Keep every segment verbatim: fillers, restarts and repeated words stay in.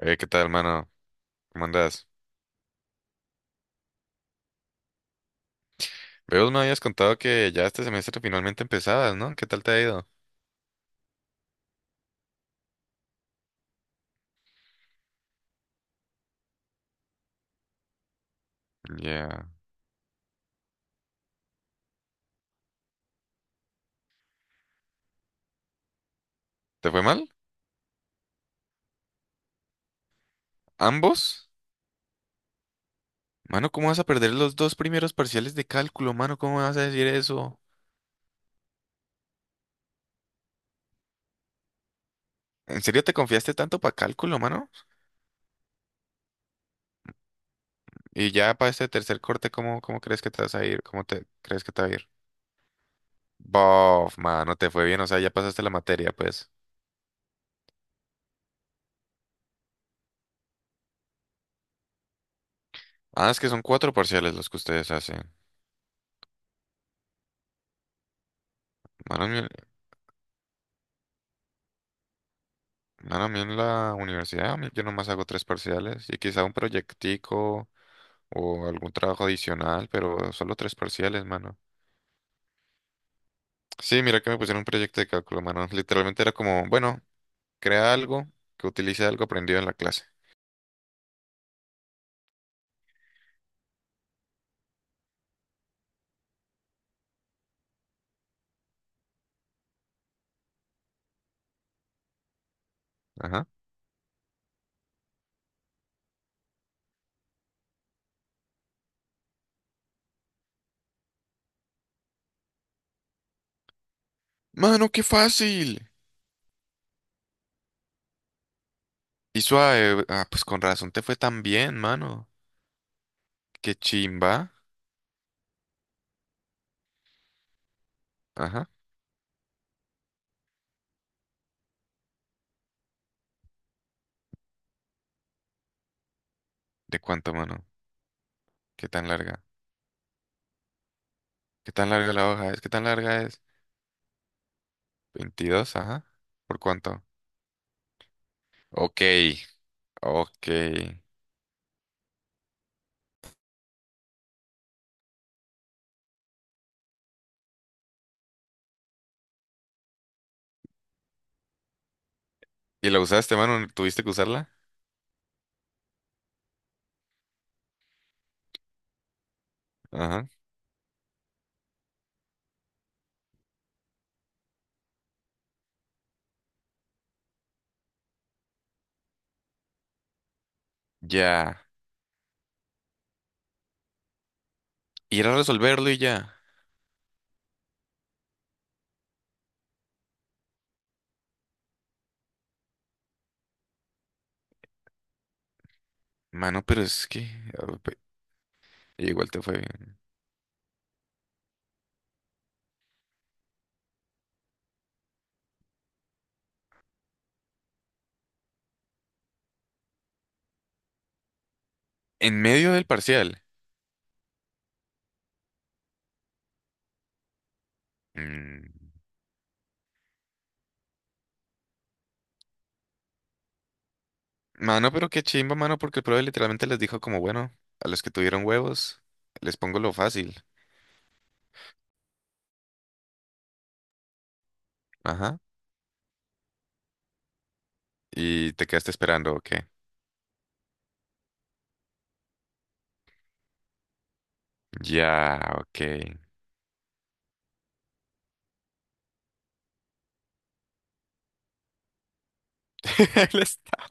Eh, ¿qué tal, mano? ¿Cómo andas? Veo, me habías contado que ya este semestre finalmente empezabas, ¿no? ¿Qué tal te ha ido? Ya. ¿Te fue mal? ¿Ambos? Mano, ¿cómo vas a perder los dos primeros parciales de cálculo, mano? ¿Cómo vas a decir eso? ¿En serio te confiaste tanto para cálculo, mano? Y ya para este tercer corte, ¿cómo, cómo crees que te vas a ir? ¿Cómo te crees que te va a ir? Bof, mano, te fue bien, o sea, ya pasaste la materia, pues. Ah, es que son cuatro parciales los que ustedes hacen. Mano, bueno, a mí en la universidad, a mí yo nomás hago tres parciales y quizá un proyectico o algún trabajo adicional, pero solo tres parciales, mano. Sí, mira que me pusieron un proyecto de cálculo, mano. Literalmente era como, bueno, crea algo que utilice algo aprendido en la clase. Ajá. Mano, qué fácil. Y suave. Ah, pues con razón te fue tan bien, mano. Qué chimba. Ajá. ¿De cuánto, mano? ¿Qué tan larga? ¿Qué tan larga la hoja es? ¿Qué tan larga es? Veintidós, ajá. ¿Por cuánto? Ok, ok. ¿Y la usaste, mano? ¿Tuviste que usarla? Ajá. Ya. Ir a resolverlo y ya. Mano, pero es que... ah, pe- Igual te fue bien. En medio del parcial. Mm. Mano, pero qué chimba, mano, porque el profe literalmente les dijo como, bueno, a los que tuvieron huevos, les pongo lo fácil. Ajá. Y te quedaste esperando, ok. Ya, ok. Él está-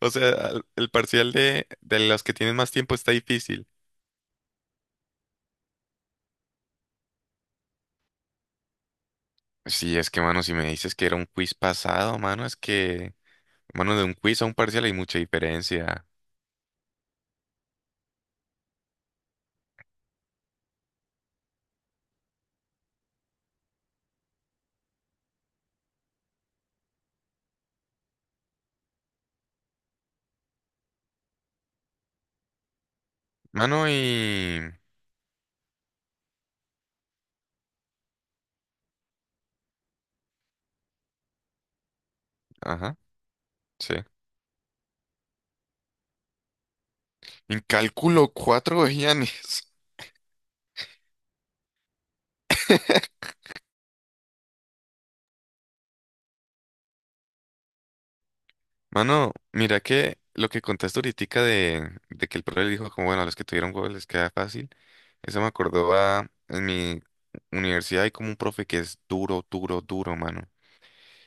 O sea, al- el parcial de, de los que tienen más tiempo está difícil. Sí, es que, mano, si me dices que era un quiz pasado, mano, es que... Mano, de un quiz a un parcial hay mucha diferencia. Mano, y... Ajá, sí. En cálculo, cuatro vejianes. Mano, mira que lo que contaste ahorita de, de que el profe le dijo como, bueno, a los que tuvieron huevos les queda fácil. Eso me acordó a... En mi universidad hay como un profe que es duro, duro, duro, mano.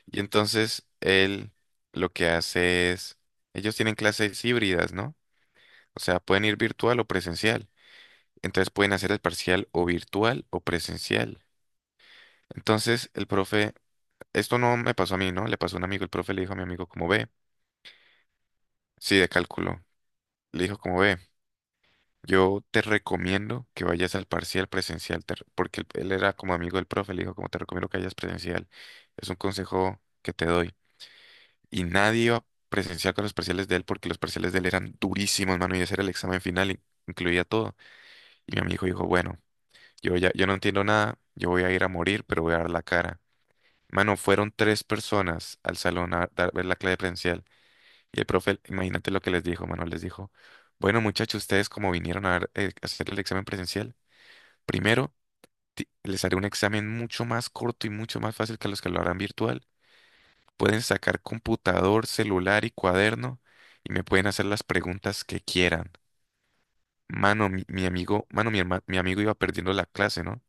Y entonces él lo que hace es... Ellos tienen clases híbridas, ¿no? O sea, pueden ir virtual o presencial. Entonces pueden hacer el parcial o virtual o presencial. Entonces el profe, esto no me pasó a mí, ¿no? Le pasó a un amigo, el profe le dijo a mi amigo como ve, sí, de cálculo. Le dijo como ve, yo te recomiendo que vayas al parcial presencial, te re- porque él, él era como amigo del profe, le dijo como te recomiendo que vayas presencial. Es un consejo que te doy. Y nadie iba presencial con los parciales de él porque los parciales de él eran durísimos, mano, y ese era el examen final, in- incluía todo. Y mi amigo dijo, bueno, yo ya, yo no entiendo nada, yo voy a ir a morir, pero voy a dar la cara. Mano, fueron tres personas al salón a dar, ver la clase presencial. Y el profe, imagínate lo que les dijo, mano, les dijo, bueno, muchachos, ustedes como vinieron a ver, eh, a hacer el examen presencial, primero ti- les haré un examen mucho más corto y mucho más fácil que los que lo harán virtual. Pueden sacar computador, celular y cuaderno y me pueden hacer las preguntas que quieran. Mano, mi, mi amigo, mano, mi herma- mi amigo iba perdiendo la clase, ¿no?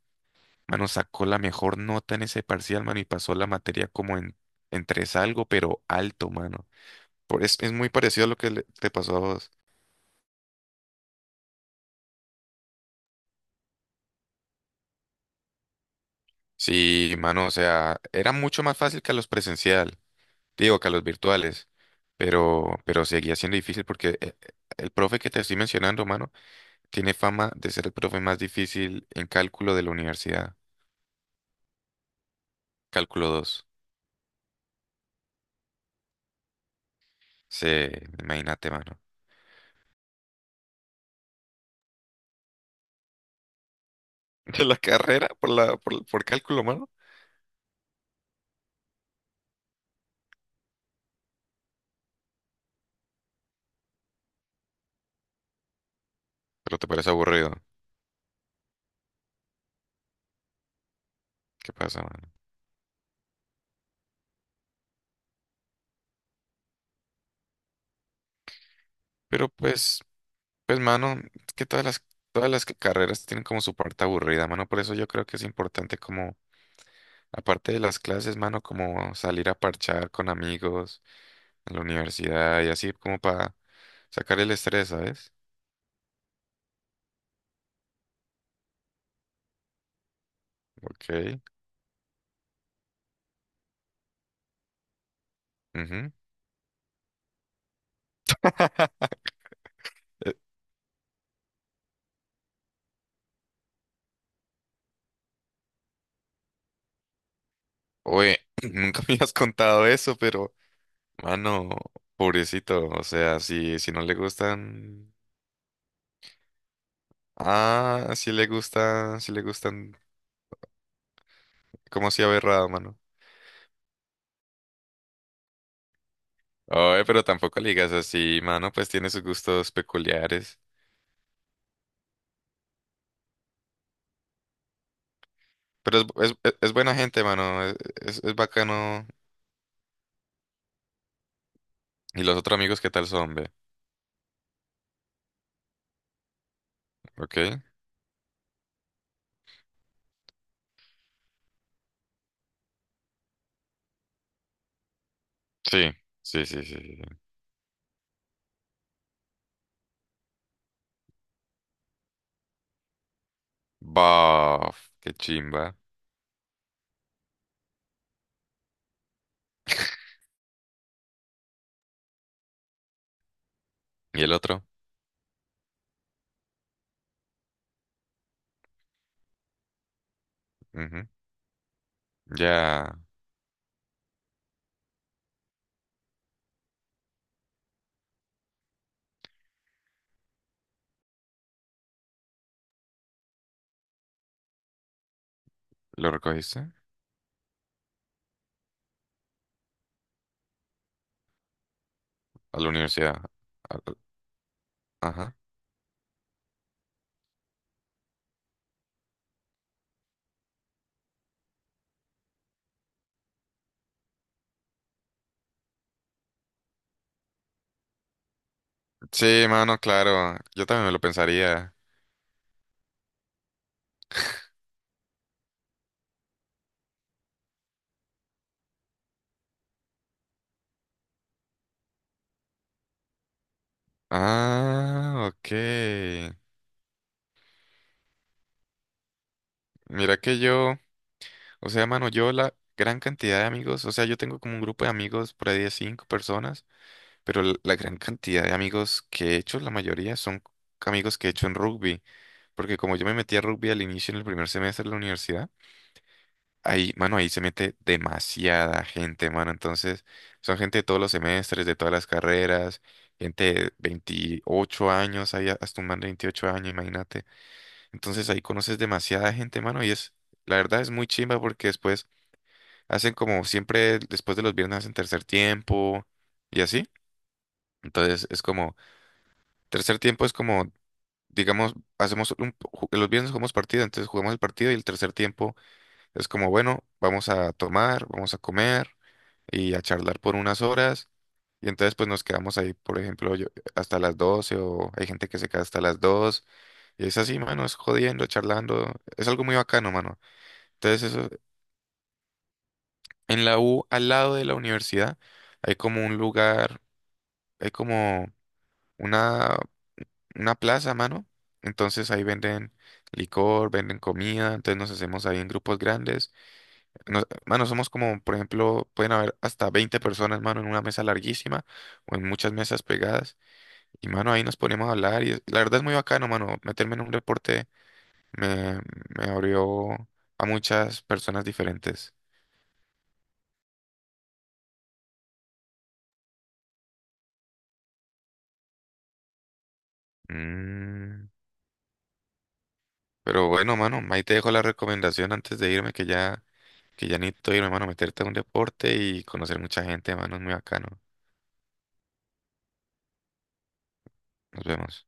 Mano, sacó la mejor nota en ese parcial, mano, y pasó la materia como en, en tres algo, pero alto, mano. Por, es, es muy parecido a lo que le- te pasó a vos. Sí, mano, o sea, era mucho más fácil que a los presencial, digo, que a los virtuales, pero, pero seguía siendo difícil porque eh, eh, el profe que te estoy mencionando, mano, tiene fama de ser el profe más difícil en cálculo de la universidad. Cálculo dos. Sí, imagínate, mano. De la carrera por la, por, por cálculo, mano. Pero te parece aburrido. ¿Qué pasa, mano? Pero pues, pues mano, es que todas las, todas las carreras tienen como su parte aburrida, mano. Por eso yo creo que es importante como, aparte de las clases, mano, como salir a parchar con amigos en la universidad y así como para sacar el estrés, ¿sabes? Ok. Ujú. Eh, Oye, nunca me has contado eso, pero, mano, pobrecito, o sea, si, si no le gustan... Ah, si le gustan, si le gustan, como si aberrado, mano. Oye, pero tampoco le digas así, mano, pues tiene sus gustos peculiares. Pero es, es, es- es buena gente, mano, es, es, es bacano. ¿Y los otros amigos qué tal son, ve? ¿Ok? Sí, sí, sí, sí. Sí. Baf, qué chimba. ¿Y el otro? Ujú. ¿Ya lo recogiste? A la universidad. A- Ajá. Sí, mano, claro. Yo también me lo pensaría. Ah, ok. Mira que yo. O sea, mano, yo la gran cantidad de amigos, o sea, yo tengo como un grupo de amigos por ahí de cinco personas, pero la, la gran cantidad de amigos que he hecho, la mayoría son amigos que he hecho en rugby, porque como yo me metí a rugby al inicio en el primer semestre de la universidad, ahí, mano, ahí se mete demasiada gente, mano, entonces son gente de todos los semestres, de todas las carreras, gente de veintiocho años, ahí hasta un man de veintiocho años, imagínate, entonces ahí conoces demasiada gente, mano, y es, la verdad es muy chimba porque después hacen como siempre, después de los viernes hacen tercer tiempo y así. Entonces es como, tercer tiempo es como, digamos, hacemos un, ju- los viernes jugamos partido, entonces jugamos el partido y el tercer tiempo es como, bueno, vamos a tomar, vamos a comer y a charlar por unas horas. Y entonces pues nos quedamos ahí, por ejemplo, yo, hasta las doce o hay gente que se queda hasta las dos y es así, mano, es jodiendo, charlando, es algo muy bacano, mano. Entonces eso, en la U, al lado de la universidad, hay como un lugar hay como una, una plaza, mano. Entonces ahí venden licor, venden comida, entonces nos hacemos ahí en grupos grandes. Nos- mano, somos como, por ejemplo, pueden haber hasta veinte personas, mano, en una mesa larguísima o en muchas mesas pegadas. Y, mano, ahí nos ponemos a hablar y es- la verdad es muy bacano, mano. Meterme en un deporte me, me abrió a muchas personas diferentes. Mm. Pero bueno, mano, ahí te dejo la recomendación antes de irme que ya... Que ya necesito irme, mano, meterte a un deporte y conocer mucha gente, mano, es muy bacano. Nos vemos.